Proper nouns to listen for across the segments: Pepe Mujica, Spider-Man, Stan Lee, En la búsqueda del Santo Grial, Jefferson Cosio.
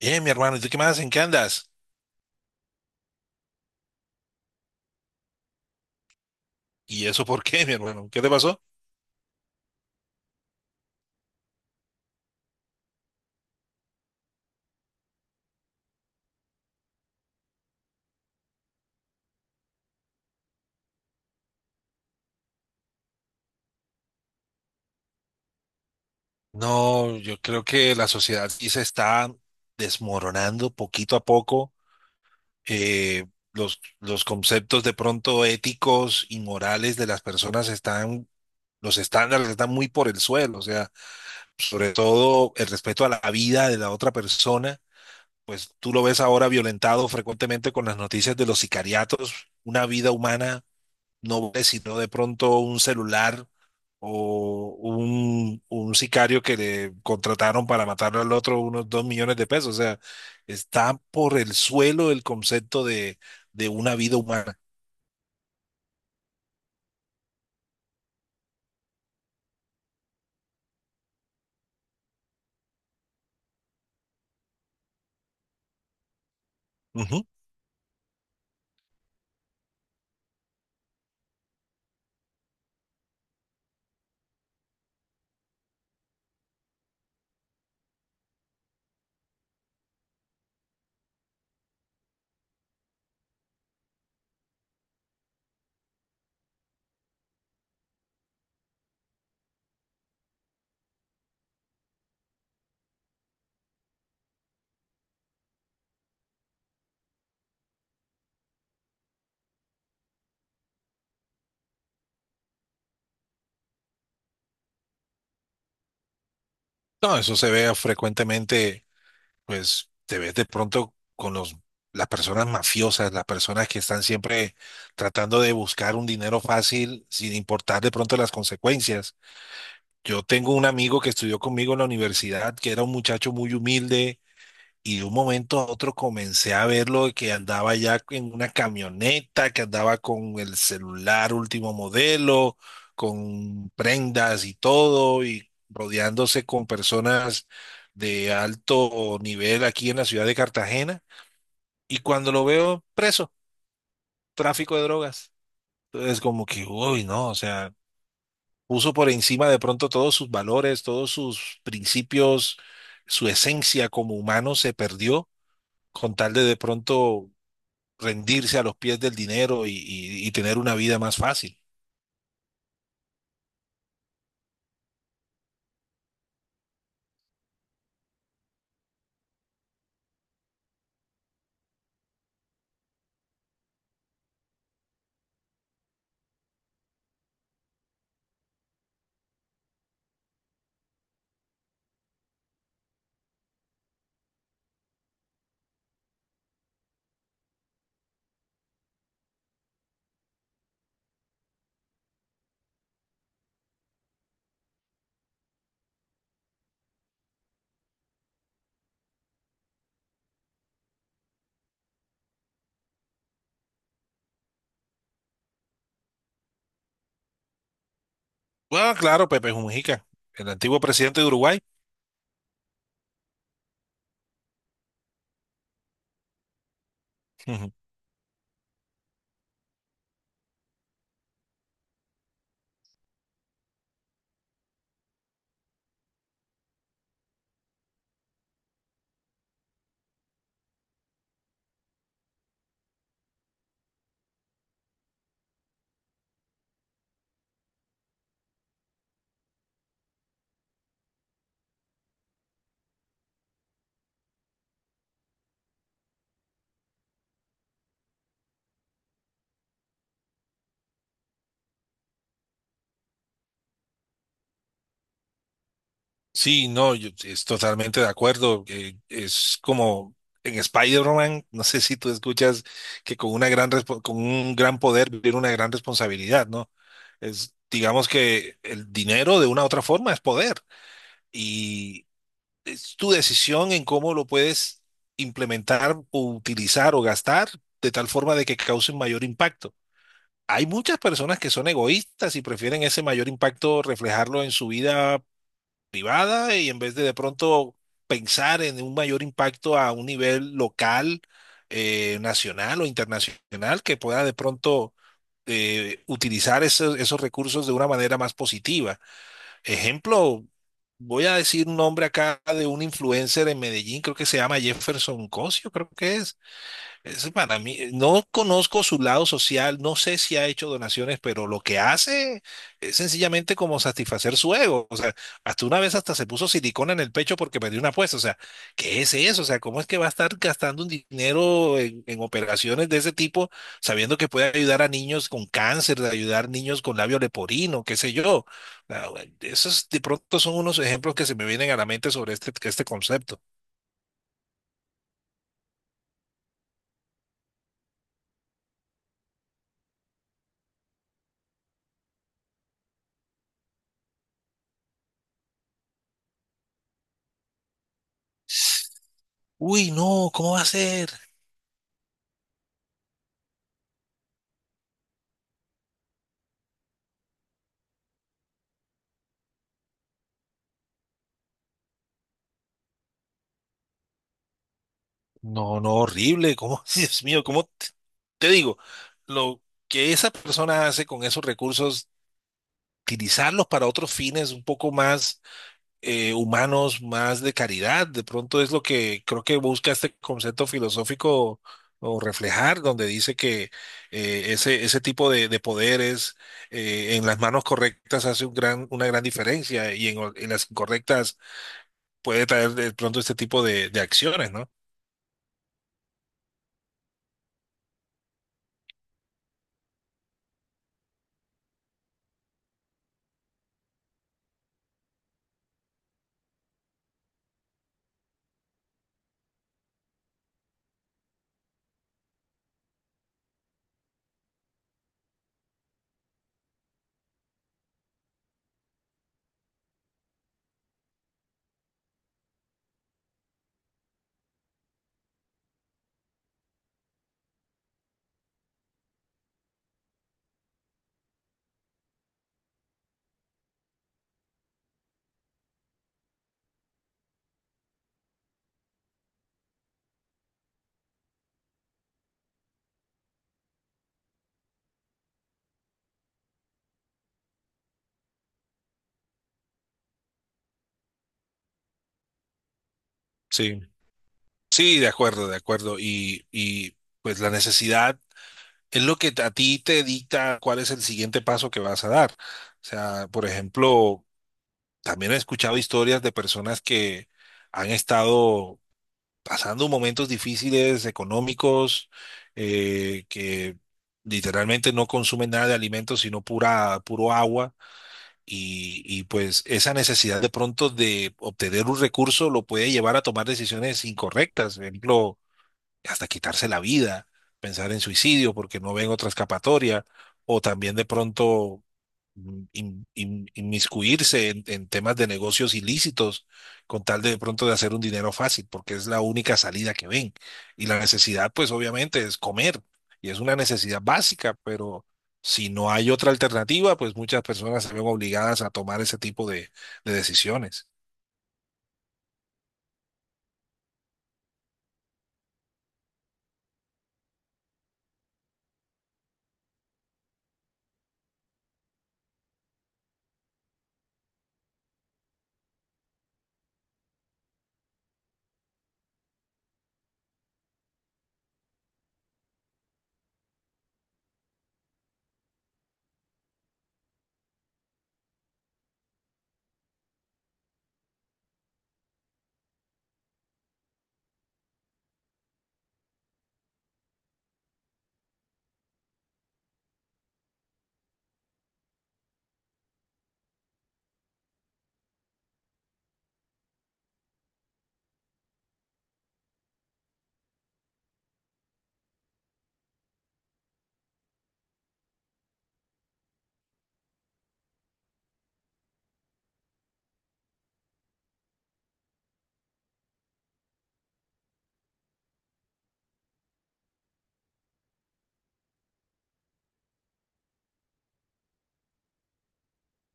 Mi hermano, ¿y tú qué más? ¿En qué andas? ¿Y eso por qué, mi hermano? ¿Qué te pasó? No, yo creo que la sociedad sí se está desmoronando poquito a poco. Eh, los conceptos de pronto éticos y morales de las personas están, los estándares están muy por el suelo. O sea, sobre todo el respeto a la vida de la otra persona, pues tú lo ves ahora violentado frecuentemente con las noticias de los sicariatos. Una vida humana no vale sino de pronto un celular o un sicario que le contrataron para matarlo al otro unos 2.000.000 de pesos. O sea, está por el suelo el concepto de una vida humana. Ujú. No, eso se ve frecuentemente, pues te ves de pronto con las personas mafiosas, las personas que están siempre tratando de buscar un dinero fácil sin importar de pronto las consecuencias. Yo tengo un amigo que estudió conmigo en la universidad, que era un muchacho muy humilde. Y de un momento a otro comencé a verlo de que andaba ya en una camioneta, que andaba con el celular último modelo, con prendas y todo, y rodeándose con personas de alto nivel aquí en la ciudad de Cartagena. Y cuando lo veo preso, tráfico de drogas. Entonces como que, uy, no, o sea, puso por encima de pronto todos sus valores, todos sus principios, su esencia como humano se perdió con tal de pronto rendirse a los pies del dinero y tener una vida más fácil. Bueno, claro, Pepe Mujica, el antiguo presidente de Uruguay. Ujú. Sí, no, yo es totalmente de acuerdo. Es como en Spider-Man, no sé si tú escuchas que con una gran con un gran poder viene una gran responsabilidad, ¿no? Es, digamos que el dinero de una u otra forma es poder, es tu decisión en cómo lo puedes implementar o utilizar o gastar de tal forma de que cause un mayor impacto. Hay muchas personas que son egoístas y prefieren ese mayor impacto reflejarlo en su vida privada y en vez de pronto pensar en un mayor impacto a un nivel local, nacional o internacional que pueda de pronto utilizar esos recursos de una manera más positiva. Ejemplo, voy a decir un nombre acá de un influencer en Medellín, creo que se llama Jefferson Cosio, creo que es. Eso para mí, no conozco su lado social, no sé si ha hecho donaciones, pero lo que hace es sencillamente como satisfacer su ego. O sea, hasta una vez hasta se puso silicona en el pecho porque perdió una apuesta. O sea, ¿qué es eso? O sea, ¿cómo es que va a estar gastando un dinero en operaciones de ese tipo, sabiendo que puede ayudar a niños con cáncer, de ayudar niños con labio leporino, qué sé yo? O sea, esos de pronto son unos ejemplos que se me vienen a la mente sobre este concepto. Uy, no, ¿cómo va a ser? No, no, horrible. ¿Cómo? Dios mío, ¿cómo te, te digo? Lo que esa persona hace con esos recursos, utilizarlos para otros fines un poco más humanos, más de caridad, de pronto es lo que creo que busca este concepto filosófico o reflejar, donde dice que ese tipo de poderes en las manos correctas hace un gran, una gran diferencia y en las incorrectas puede traer de pronto este tipo de acciones, ¿no? Sí. Sí, de acuerdo, de acuerdo. Y pues la necesidad es lo que a ti te dicta cuál es el siguiente paso que vas a dar. O sea, por ejemplo, también he escuchado historias de personas que han estado pasando momentos difíciles económicos, que literalmente no consumen nada de alimentos, sino pura, puro agua. Y pues esa necesidad de pronto de obtener un recurso lo puede llevar a tomar decisiones incorrectas. Por ejemplo, hasta quitarse la vida, pensar en suicidio porque no ven otra escapatoria, o también de pronto inmiscuirse en temas de negocios ilícitos con tal de pronto de hacer un dinero fácil, porque es la única salida que ven. Y la necesidad, pues obviamente, es comer, y es una necesidad básica, pero si no hay otra alternativa, pues muchas personas se ven obligadas a tomar ese tipo de decisiones.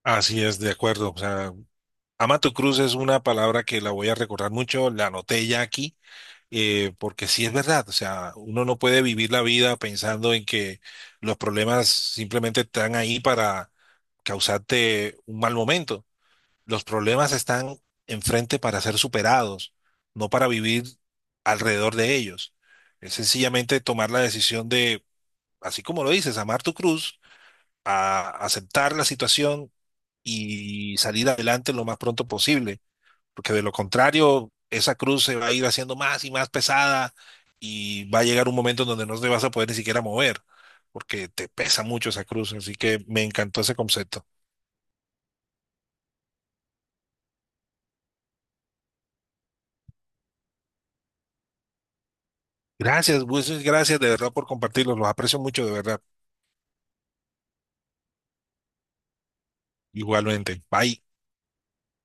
Así es, de acuerdo. O sea, Amato Cruz es una palabra que la voy a recordar mucho, la anoté ya aquí, porque sí es verdad, o sea, uno no puede vivir la vida pensando en que los problemas simplemente están ahí para causarte un mal momento. Los problemas están enfrente para ser superados, no para vivir alrededor de ellos. Es sencillamente tomar la decisión de, así como lo dices, amar tu cruz, a aceptar la situación y salir adelante lo más pronto posible porque de lo contrario, esa cruz se va a ir haciendo más y más pesada y va a llegar un momento en donde no te vas a poder ni siquiera mover, porque te pesa mucho esa cruz. Así que me encantó ese concepto. Gracias, muchas gracias de verdad por compartirlos. Los aprecio mucho, de verdad. Igualmente. Bye.